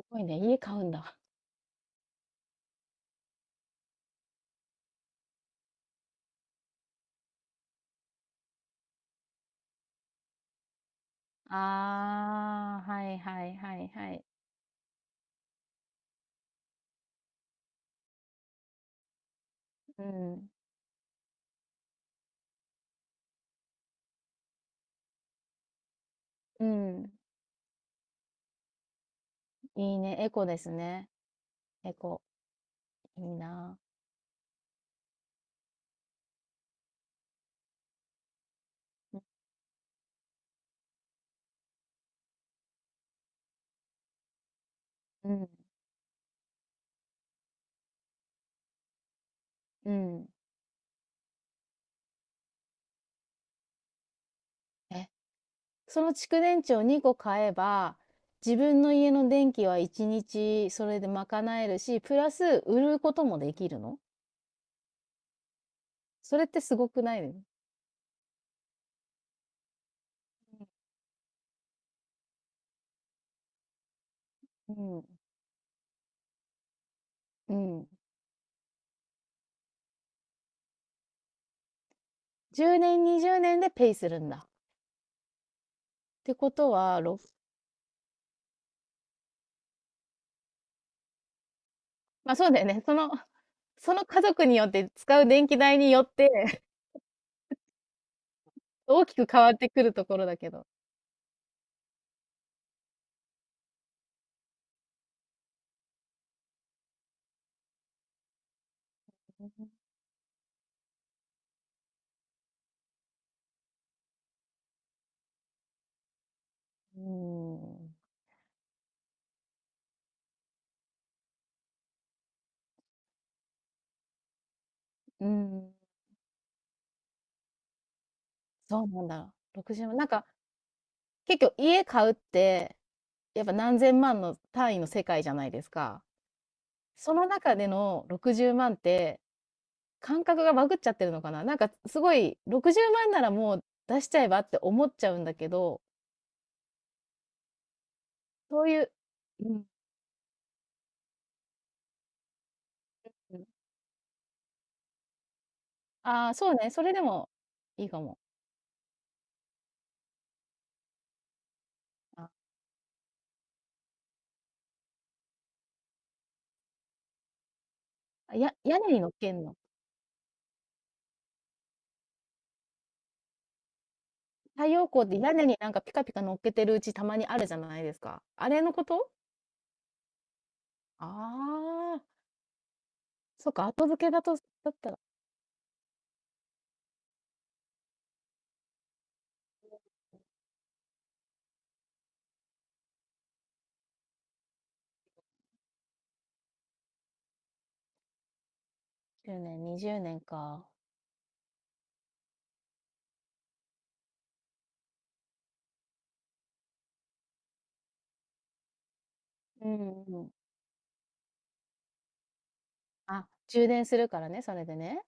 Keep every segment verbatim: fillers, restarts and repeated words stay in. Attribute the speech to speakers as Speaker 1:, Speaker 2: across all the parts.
Speaker 1: すごいね、家買うんだ。ああ、はいはいはいはい。うん。うん。いいね。エコですね。エコ。いいな。うん。うん。え、その蓄電池をにこ買えば、自分の家の電気はいちにちそれで賄えるし、プラス売ることもできるの？それってすごくない？うん。うん。じゅうねん、にじゅうねんでペイするんだ。ってことは、ろっま、あそうだよね。そのその家族によって使う電気代によって 大きく変わってくるところだけど。うーん。うん、そうなんだ。ろくじゅうまん、なんか、結局家買うって、やっぱ何千万の単位の世界じゃないですか。その中でのろくじゅうまんって、感覚がバグっちゃってるのかな。なんかすごい、ろくじゅうまんならもう出しちゃえばって思っちゃうんだけど、そういう、うん。ああ、そうね、それでもいいかも。あ、や屋根に乗っけんの？太陽光って屋根になんかピカピカ乗っけてるうちたまにあるじゃないですか。あれのこと？ああ、そっか、後付けだとだったらじゅうねん、にじゅうねんか。うんうん。あ、充電するからね、それでね。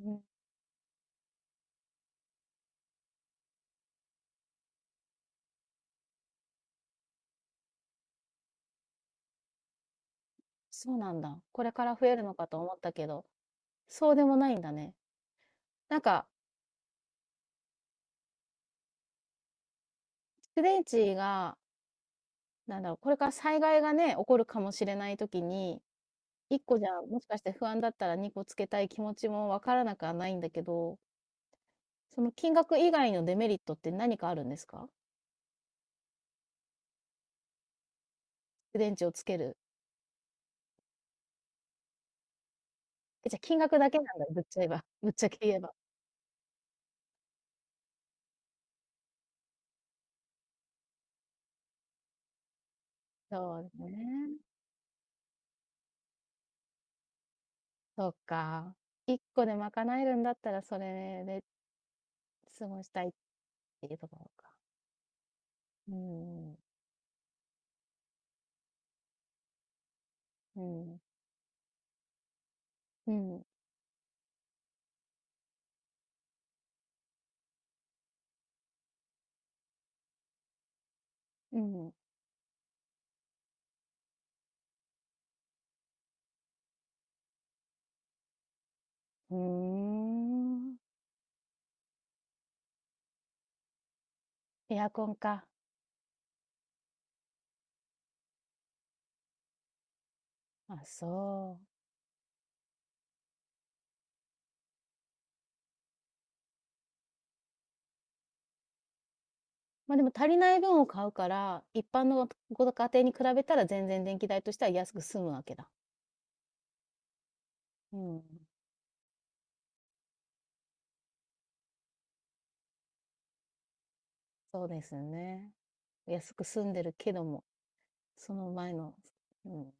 Speaker 1: うん。そうなんだ。これから増えるのかと思ったけど、そうでもないんだね。なんか、蓄電池が、なんだろう、これから災害がね、起こるかもしれない時に、いっこじゃ、もしかして不安だったらにこつけたい気持ちもわからなくはないんだけど、その金額以外のデメリットって何かあるんですか？蓄電池をつける。え、じゃ、金額だけなんだ、ぶっちゃえば ぶっちゃけ言えば。そうですね。そっか。いっこで賄えるんだったら、それで過ごしたいっていうところか。うーん、うん、うん、うん、うん。うーん。エアコンか。あ、そう。ま、でも足りない分を買うから、一般のご家庭に比べたら全然電気代としては安く済むわけだ。うん、そうですね。安く住んでるけども、その前の、うん。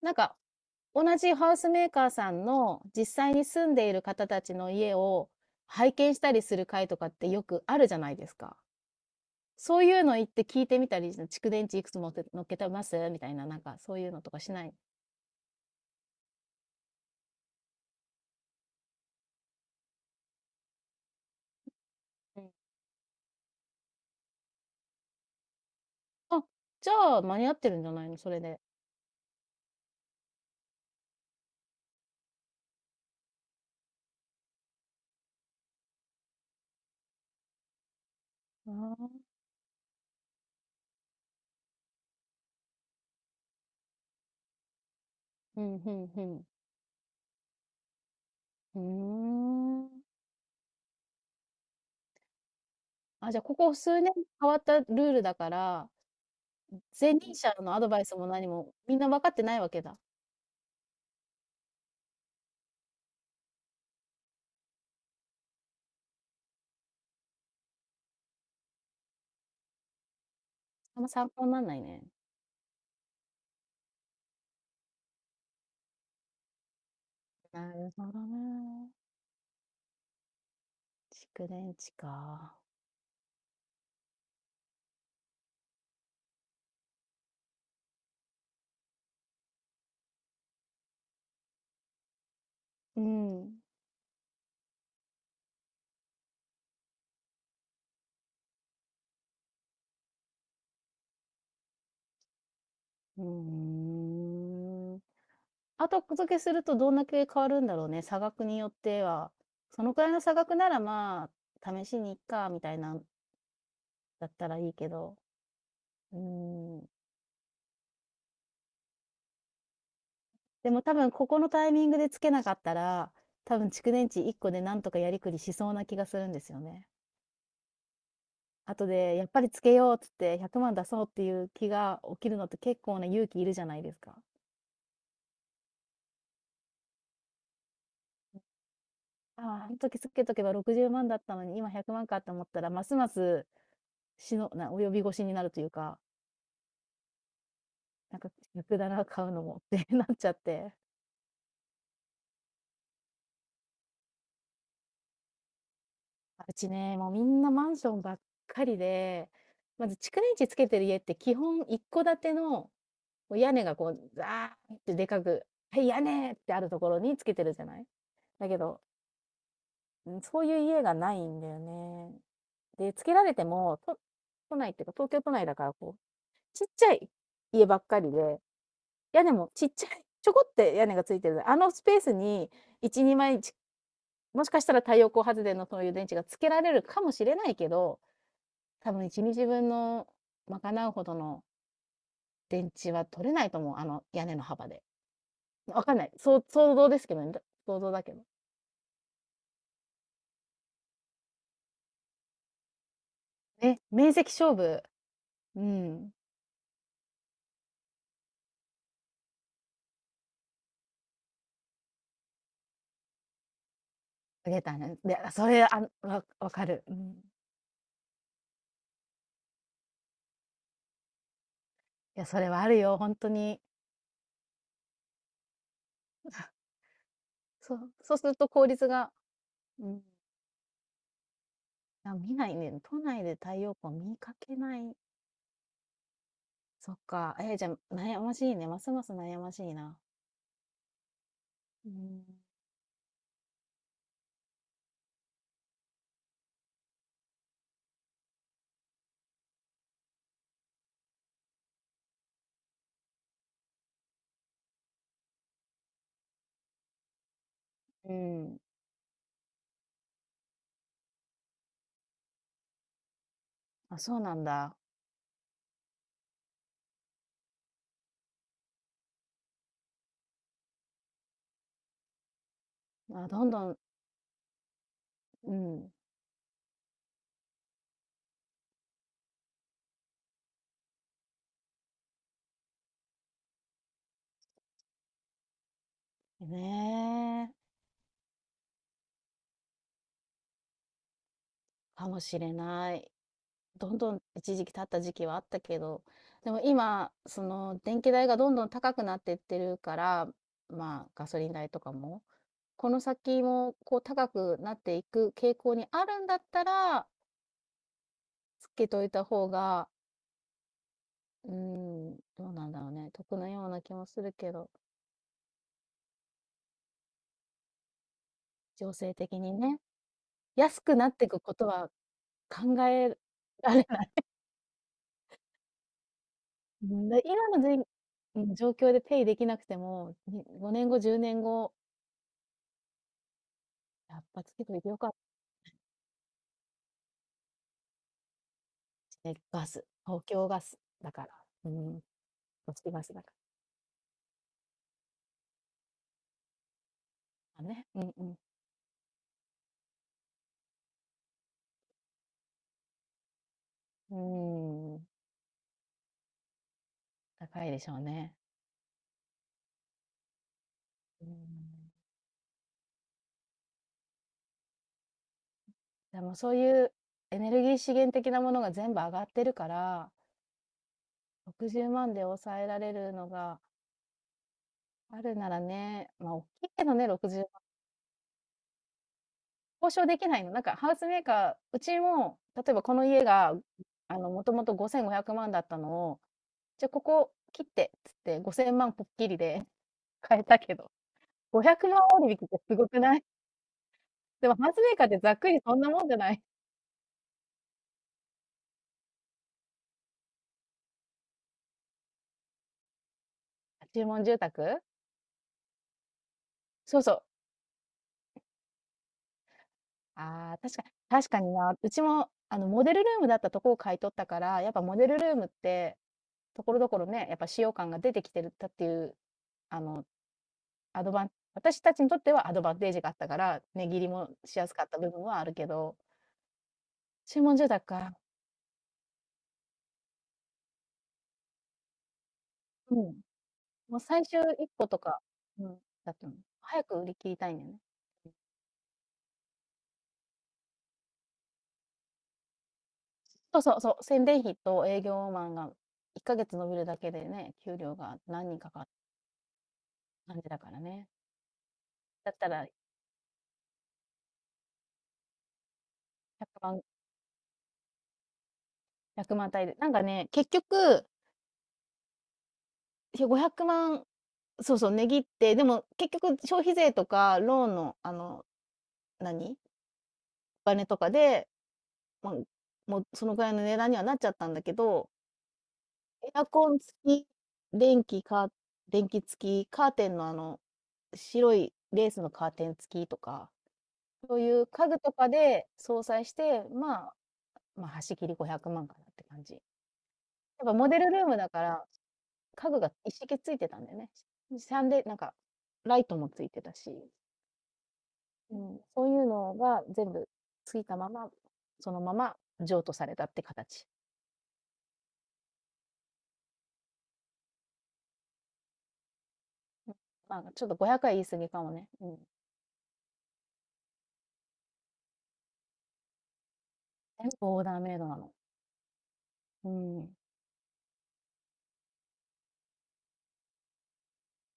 Speaker 1: なんか、同じハウスメーカーさんの実際に住んでいる方たちの家を拝見したりする会とかってよくあるじゃないですか。そういうの行って聞いてみたり、蓄電池いくつ持って乗っけてますみたいな、なんかそういうのとかしない？うん。あ、じゃあ間に合ってるんじゃないの？それで。うーん。うん、うんうん。うーん。あ、じゃあここ数年変わったルールだから、前任者のアドバイスも何も、みんな分かってないわけだ。あんま参考になんないね。なるほどね。蓄電池か。うん。うーん。後付けするとどんだけ変わるんだろうね、差額によっては。そのくらいの差額なら、まあ、試しにいっかみたいなんだったらいいけど。うーん。でも多分ここのタイミングで付けなかったら、多分蓄電池いっこでなんとかやりくりしそうな気がするんですよね。後でやっぱりつけようっつってひゃくまん出そうっていう気が起きるのって結構な勇気いるじゃないですか。ああ、あん時つけとけばろくじゅうまんだったのに今ひゃくまんかって思ったら、ますますしのな及び腰になるというか、なんか逆だな、買うのもって なっちゃって。あ、うちね、もうみんなマンションばっかりで、まず蓄電池つけてる家って基本いっ戸建てのこう屋根がこうザーってでかく、はい、屋根ってあるところにつけてるじゃない。だけど、うん、そういう家がないんだよね。で、つけられても、と都内っていうか、東京都内だからこう、ちっちゃい家ばっかりで、屋根もちっちゃい、ちょこって屋根がついてる、あのスペースにいち、にまい、ちもしかしたら太陽光発電のそういう電池がつけられるかもしれないけど、多分いちにちぶんの賄うほどの電池は取れないと思う、あの屋根の幅で。わかんない。そう想像ですけどね、だ想像だけど。ね、面積勝負。うん。出たね。で、それ、あ、わわかる。うん。いや、それはあるよ、ほんとに。そう、そうすると効率が、うん。あ、見ないね。都内で太陽光見かけない。そっか。えー、じゃあ、悩ましいね。ますます悩ましいな。うん。うん。あ、そうなんだ。あ、どんどん、うん。ねえ、かもしれない。どんどん一時期経った時期はあったけど、でも今、その、電気代がどんどん高くなってってるから、まあ、ガソリン代とかも、この先も、こう、高くなっていく傾向にあるんだったら、つけといた方が、うーん、どうなんだろうね、得なような気もするけど、情勢的にね。安くなっていくことは考えられない。うん、で、今のじんうん、状況でペイできなくても、にごねんご、じゅうねんご、やっぱつけといてよかったですね、ガス、東京ガスだから。うん、都市ガスだからね。うんうん。うーん、高いでしょうね。うーん。でもそういうエネルギー資源的なものが全部上がってるから、ろくじゅうまんで抑えられるのがあるならね、まあ、大きいけどね、ろくじゅうまん。交渉できないの？なんか、ハウスメーカー、うちも、例えばこの家が、あの、もともとごせんごひゃくまんだったのを、じゃあここ切って、つってごせんまんぽっきりで 買えたけど、ごひゃくまん割引ってすごくない？ でもハウスメーカーってざっくりそんなもんじゃない？ 注文住宅、そうそう。ああ、確かに、確かにな。うちも、あの、モデルルームだったとこを買い取ったから、やっぱモデルルームって、ところどころね、やっぱ使用感が出てきてるたっていう、あの、アドバン私たちにとってはアドバンテージがあったから、値切りもしやすかった部分はあるけど、注文住宅か、うん、もう最終一歩とか、うん、だったの。早く売り切りたいんだよね。そうそうそう、宣伝費と営業マンがいっかげつ伸びるだけでね、給料が何人かか感じだからね。だったらひゃくまん、いちまん単位で、なんかね、結局、ひごひゃくまん、そうそう、値切って、でも結局消費税とかローンの、あの、何、お金とかで、まあ、もうそのぐらいの値段にはなっちゃったんだけど、エアコン付き、電気か電気付き、カーテンのあの、白いレースのカーテン付きとか、そういう家具とかで相殺して、まあ、まあ、端切りごひゃくまんかなって感じ。やっぱモデルルームだから、家具が一式ついてたんだよね。し3でなんか、ライトもついてたし。うん、そういうのが全部ついたまま、そのまま譲渡されたって形。うん、まあ、ちょっとごひゃくは言い過ぎかもね。うん。全部オーダーメイドなの。うん。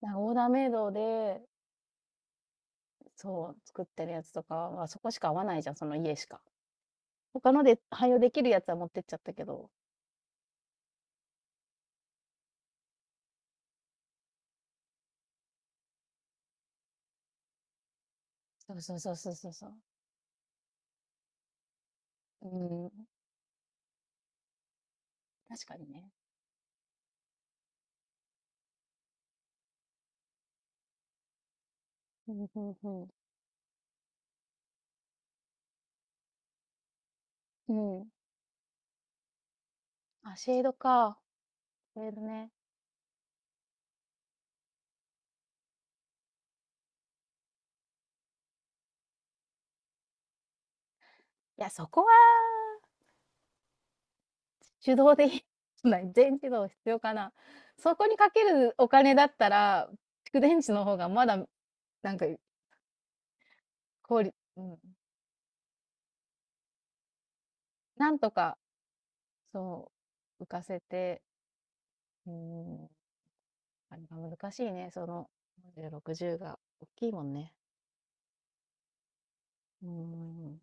Speaker 1: なんかオーダーメイドで、そう、作ってるやつとかはそこしか合わないじゃん、その家しか。他ので汎用できるやつは持ってっちゃったけど。そうそうそうそうそうそう。うん、確かにね。うん、うんうん。うん。あ、シェードか。シェードね。いや、そこは手動でいいじゃない、全自動必要かな。そこにかけるお金だったら、蓄電池の方がまだなんか、効率、うん、なんとか、そう、浮かせて、うん、あれが難しいね、そのよんじゅう、ろくじゅうが大きいもんね。うん。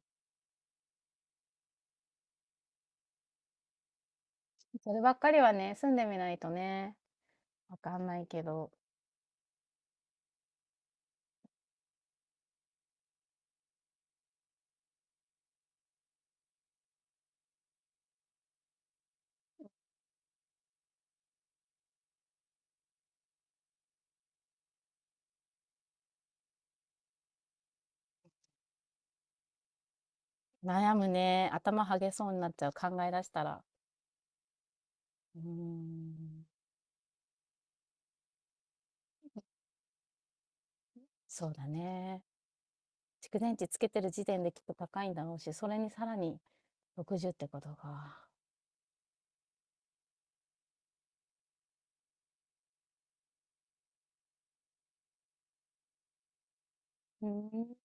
Speaker 1: そればっかりはね、住んでみないとね、わかんないけど、悩むね、頭はげそうになっちゃう、考え出したら。うん、そうだね。蓄電池つけてる時点できっと高いんだろうし、それにさらにろくじゅうってことか。うん、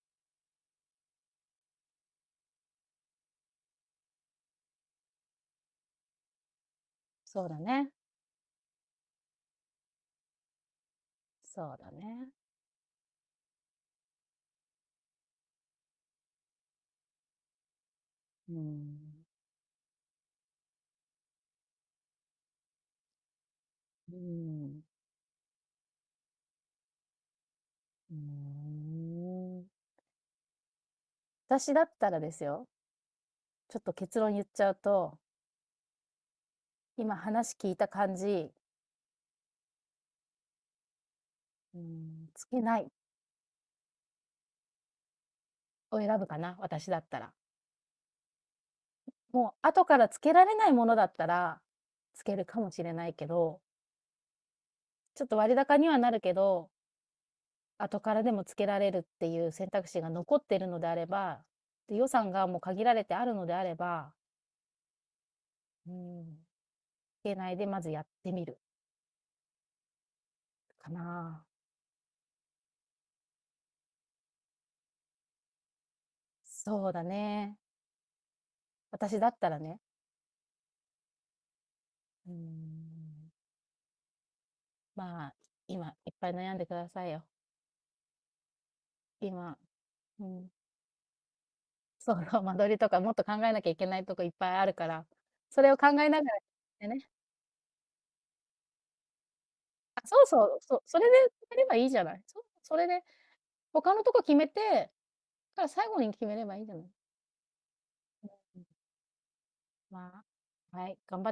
Speaker 1: そうだね。そうだね。うん。うん。うん。私だったらですよ、ちょっと結論言っちゃうと、今話聞いた感じ、うん、つけないを選ぶかな、私だったら。もう後からつけられないものだったら、つけるかもしれないけど、ちょっと割高にはなるけど、後からでもつけられるっていう選択肢が残ってるのであれば、で、予算がもう限られてあるのであれば、うん、つけないでまずやってみるかな。そうだね。私だったらね、うん、まあ、今いっぱい悩んでくださいよ。今、うん、そう、間取りとかもっと考えなきゃいけないとこいっぱいあるから、それを考えながらでね、あ、そうそう、そう、それで決めればいいじゃない。そう、それで他のとこ決めて、から最後に決めればいいじゃない？まあ、はい、頑張って